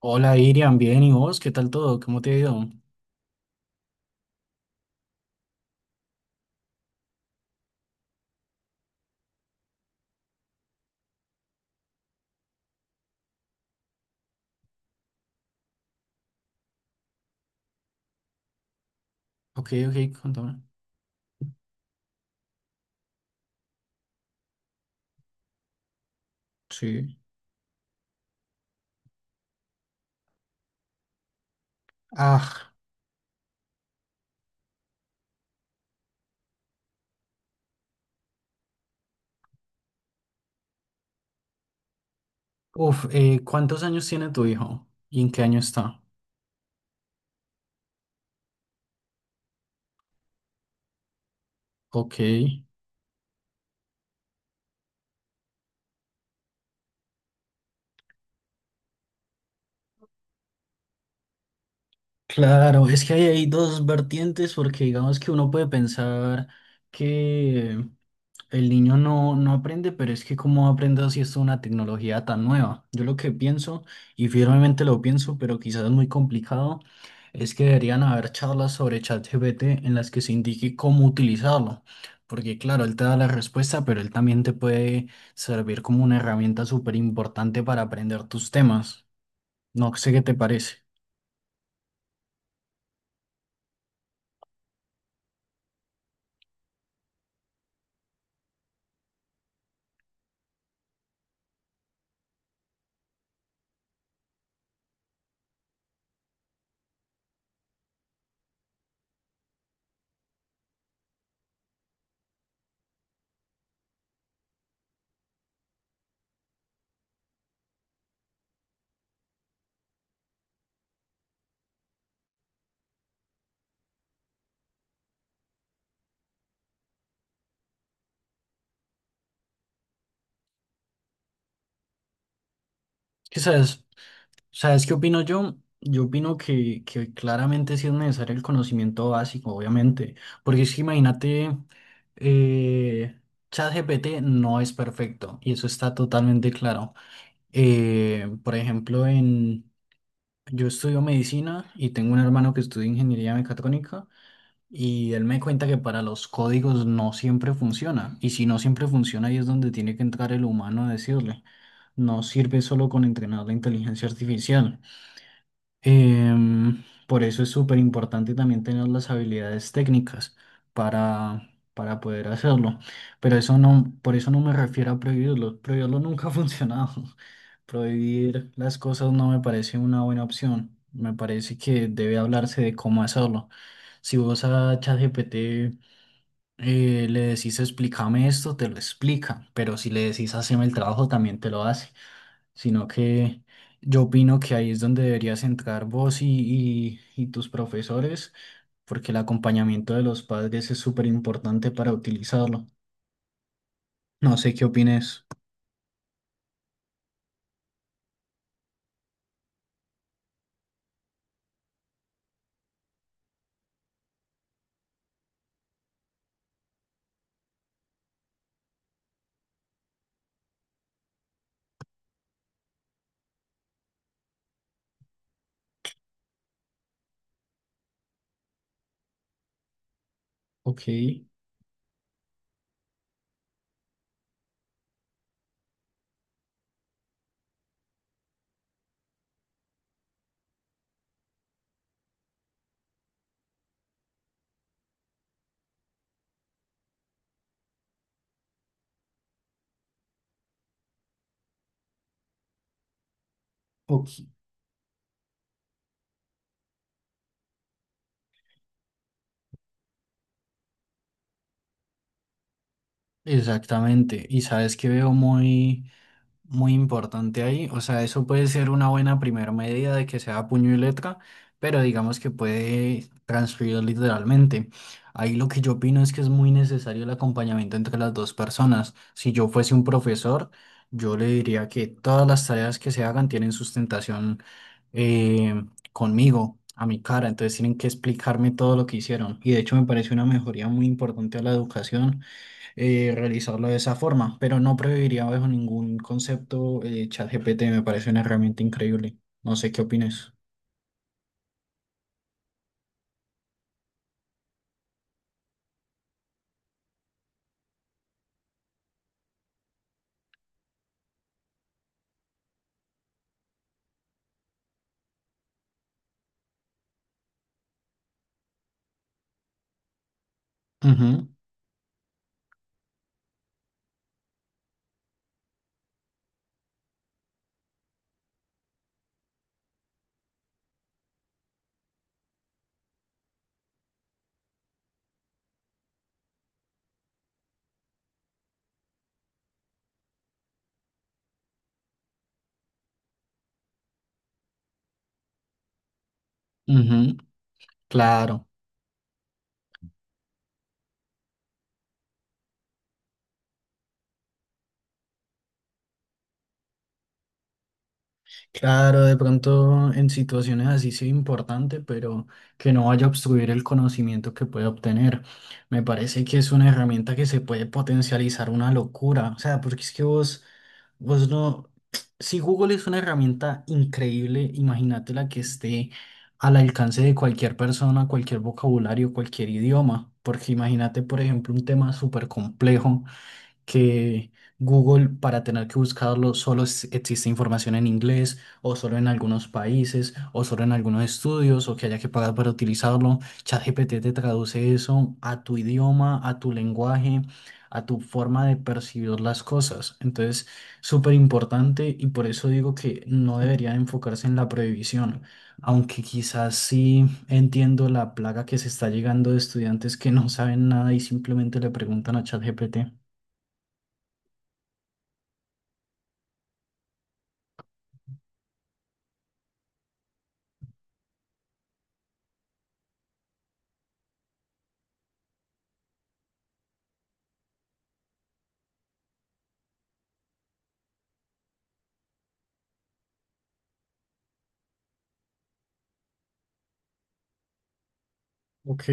Hola Irian, bien, ¿y vos? ¿Qué tal todo? ¿Cómo te ha ido? Ok, contame. Sí. Ah, ¿Cuántos años tiene tu hijo? ¿Y en qué año está? Ok. Claro, es que hay dos vertientes porque digamos que uno puede pensar que. El niño no aprende, pero es que cómo aprende si es una tecnología tan nueva. Yo lo que pienso, y firmemente lo pienso, pero quizás es muy complicado, es que deberían haber charlas sobre ChatGPT en las que se indique cómo utilizarlo. Porque claro, él te da la respuesta, pero él también te puede servir como una herramienta súper importante para aprender tus temas. No sé qué te parece. Quizás, ¿sabes qué opino yo? Yo opino que claramente sí es necesario el conocimiento básico, obviamente, porque es que imagínate, eh, ChatGPT no es perfecto y eso está totalmente claro. Por ejemplo, yo estudio medicina y tengo un hermano que estudia ingeniería mecatrónica y él me cuenta que para los códigos no siempre funciona y si no siempre funciona ahí es donde tiene que entrar el humano a decirle, no sirve solo con entrenar la inteligencia artificial. Por eso es súper importante también tener las habilidades técnicas para poder hacerlo. Pero eso no, por eso no me refiero a prohibirlo. Prohibirlo nunca ha funcionado. Prohibir las cosas no me parece una buena opción. Me parece que debe hablarse de cómo hacerlo. Si vos a ChatGPT le decís explícame esto, te lo explica, pero si le decís haceme el trabajo, también te lo hace. Sino que yo opino que ahí es donde deberías entrar vos y tus profesores, porque el acompañamiento de los padres es súper importante para utilizarlo. No sé qué opines. Ok, ok. Exactamente. Y sabes que veo muy... muy importante ahí, o sea, eso puede ser una buena primera medida de que sea puño y letra, pero digamos que puede transcribir literalmente. Ahí lo que yo opino es que es muy necesario el acompañamiento entre las dos personas. Si yo fuese un profesor, yo le diría que todas las tareas que se hagan tienen sustentación eh, conmigo, a mi cara, entonces tienen que explicarme todo lo que hicieron. Y de hecho me parece una mejoría muy importante a la educación realizarlo de esa forma, pero no prohibiría bajo ningún concepto ChatGPT, me parece una herramienta increíble. No sé qué opines. Ujú, ujú. Claro. Claro, de pronto en situaciones así sí importante, pero que no vaya a obstruir el conocimiento que puede obtener. Me parece que es una herramienta que se puede potencializar una locura. O sea, porque es que vos no. Si Google es una herramienta increíble, imagínate la que esté al alcance de cualquier persona, cualquier vocabulario, cualquier idioma. Porque imagínate, por ejemplo, un tema súper complejo que Google para tener que buscarlo solo existe información en inglés o solo en algunos países o solo en algunos estudios o que haya que pagar para utilizarlo. ChatGPT te traduce eso a tu idioma, a tu lenguaje, a tu forma de percibir las cosas. Entonces, súper importante y por eso digo que no debería enfocarse en la prohibición. Aunque quizás sí entiendo la plaga que se está llegando de estudiantes que no saben nada y simplemente le preguntan a ChatGPT. Ok,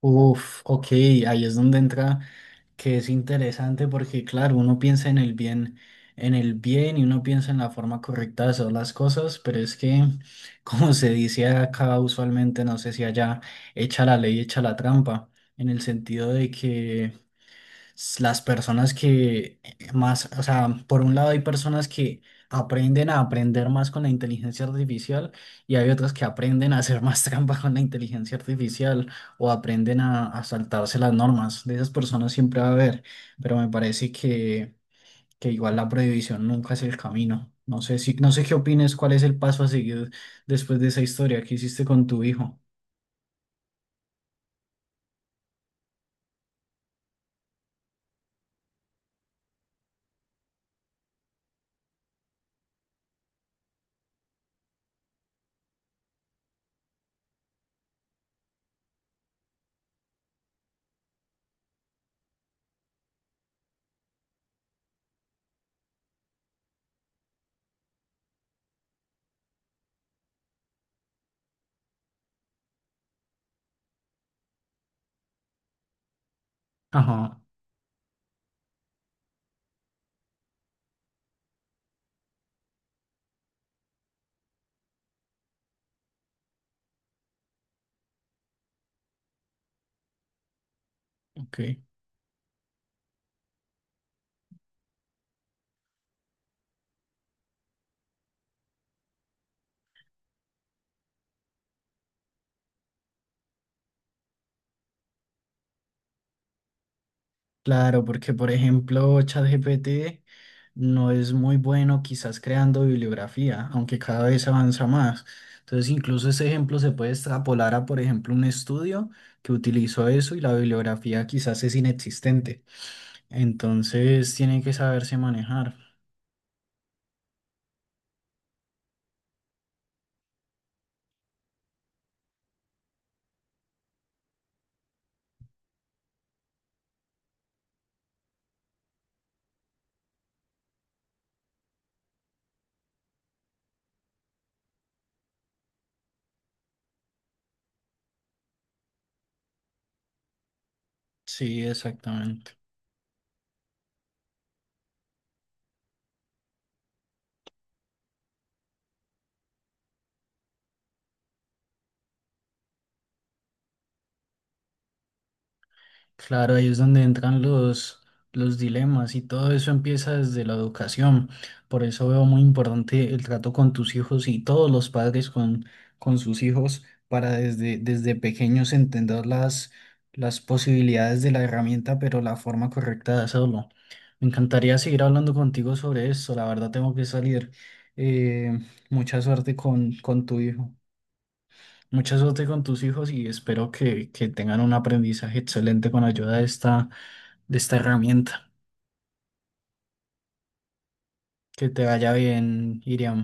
ok, ahí es donde entra que es interesante porque claro, uno piensa en el bien, en el bien, y uno piensa en la forma correcta de hacer las cosas, pero es que como se dice acá usualmente, no sé si allá, echa la ley, echa la trampa, en el sentido de que las personas que más, o sea, por un lado hay personas que aprenden a aprender más con la inteligencia artificial y hay otras que aprenden a hacer más trampa con la inteligencia artificial o aprenden a saltarse las normas. De esas personas siempre va a haber, pero me parece que igual la prohibición nunca es el camino. No sé qué opines, cuál es el paso a seguir después de esa historia que hiciste con tu hijo. Ajá, ok. Claro, porque por ejemplo, ChatGPT no es muy bueno quizás creando bibliografía, aunque cada vez avanza más. Entonces, incluso ese ejemplo se puede extrapolar a, por ejemplo, un estudio que utilizó eso y la bibliografía quizás es inexistente. Entonces, tiene que saberse manejar. Sí, exactamente. Claro, ahí es donde entran los dilemas y todo eso empieza desde la educación. Por eso veo muy importante el trato con tus hijos y todos los padres con sus hijos para desde pequeños entender las posibilidades de la herramienta, pero la forma correcta de hacerlo. Me encantaría seguir hablando contigo sobre esto. La verdad tengo que salir. Eh, mucha suerte con tu hijo. Mucha suerte con tus hijos y espero que tengan un aprendizaje excelente con ayuda de esta herramienta. Que te vaya bien, Iriam.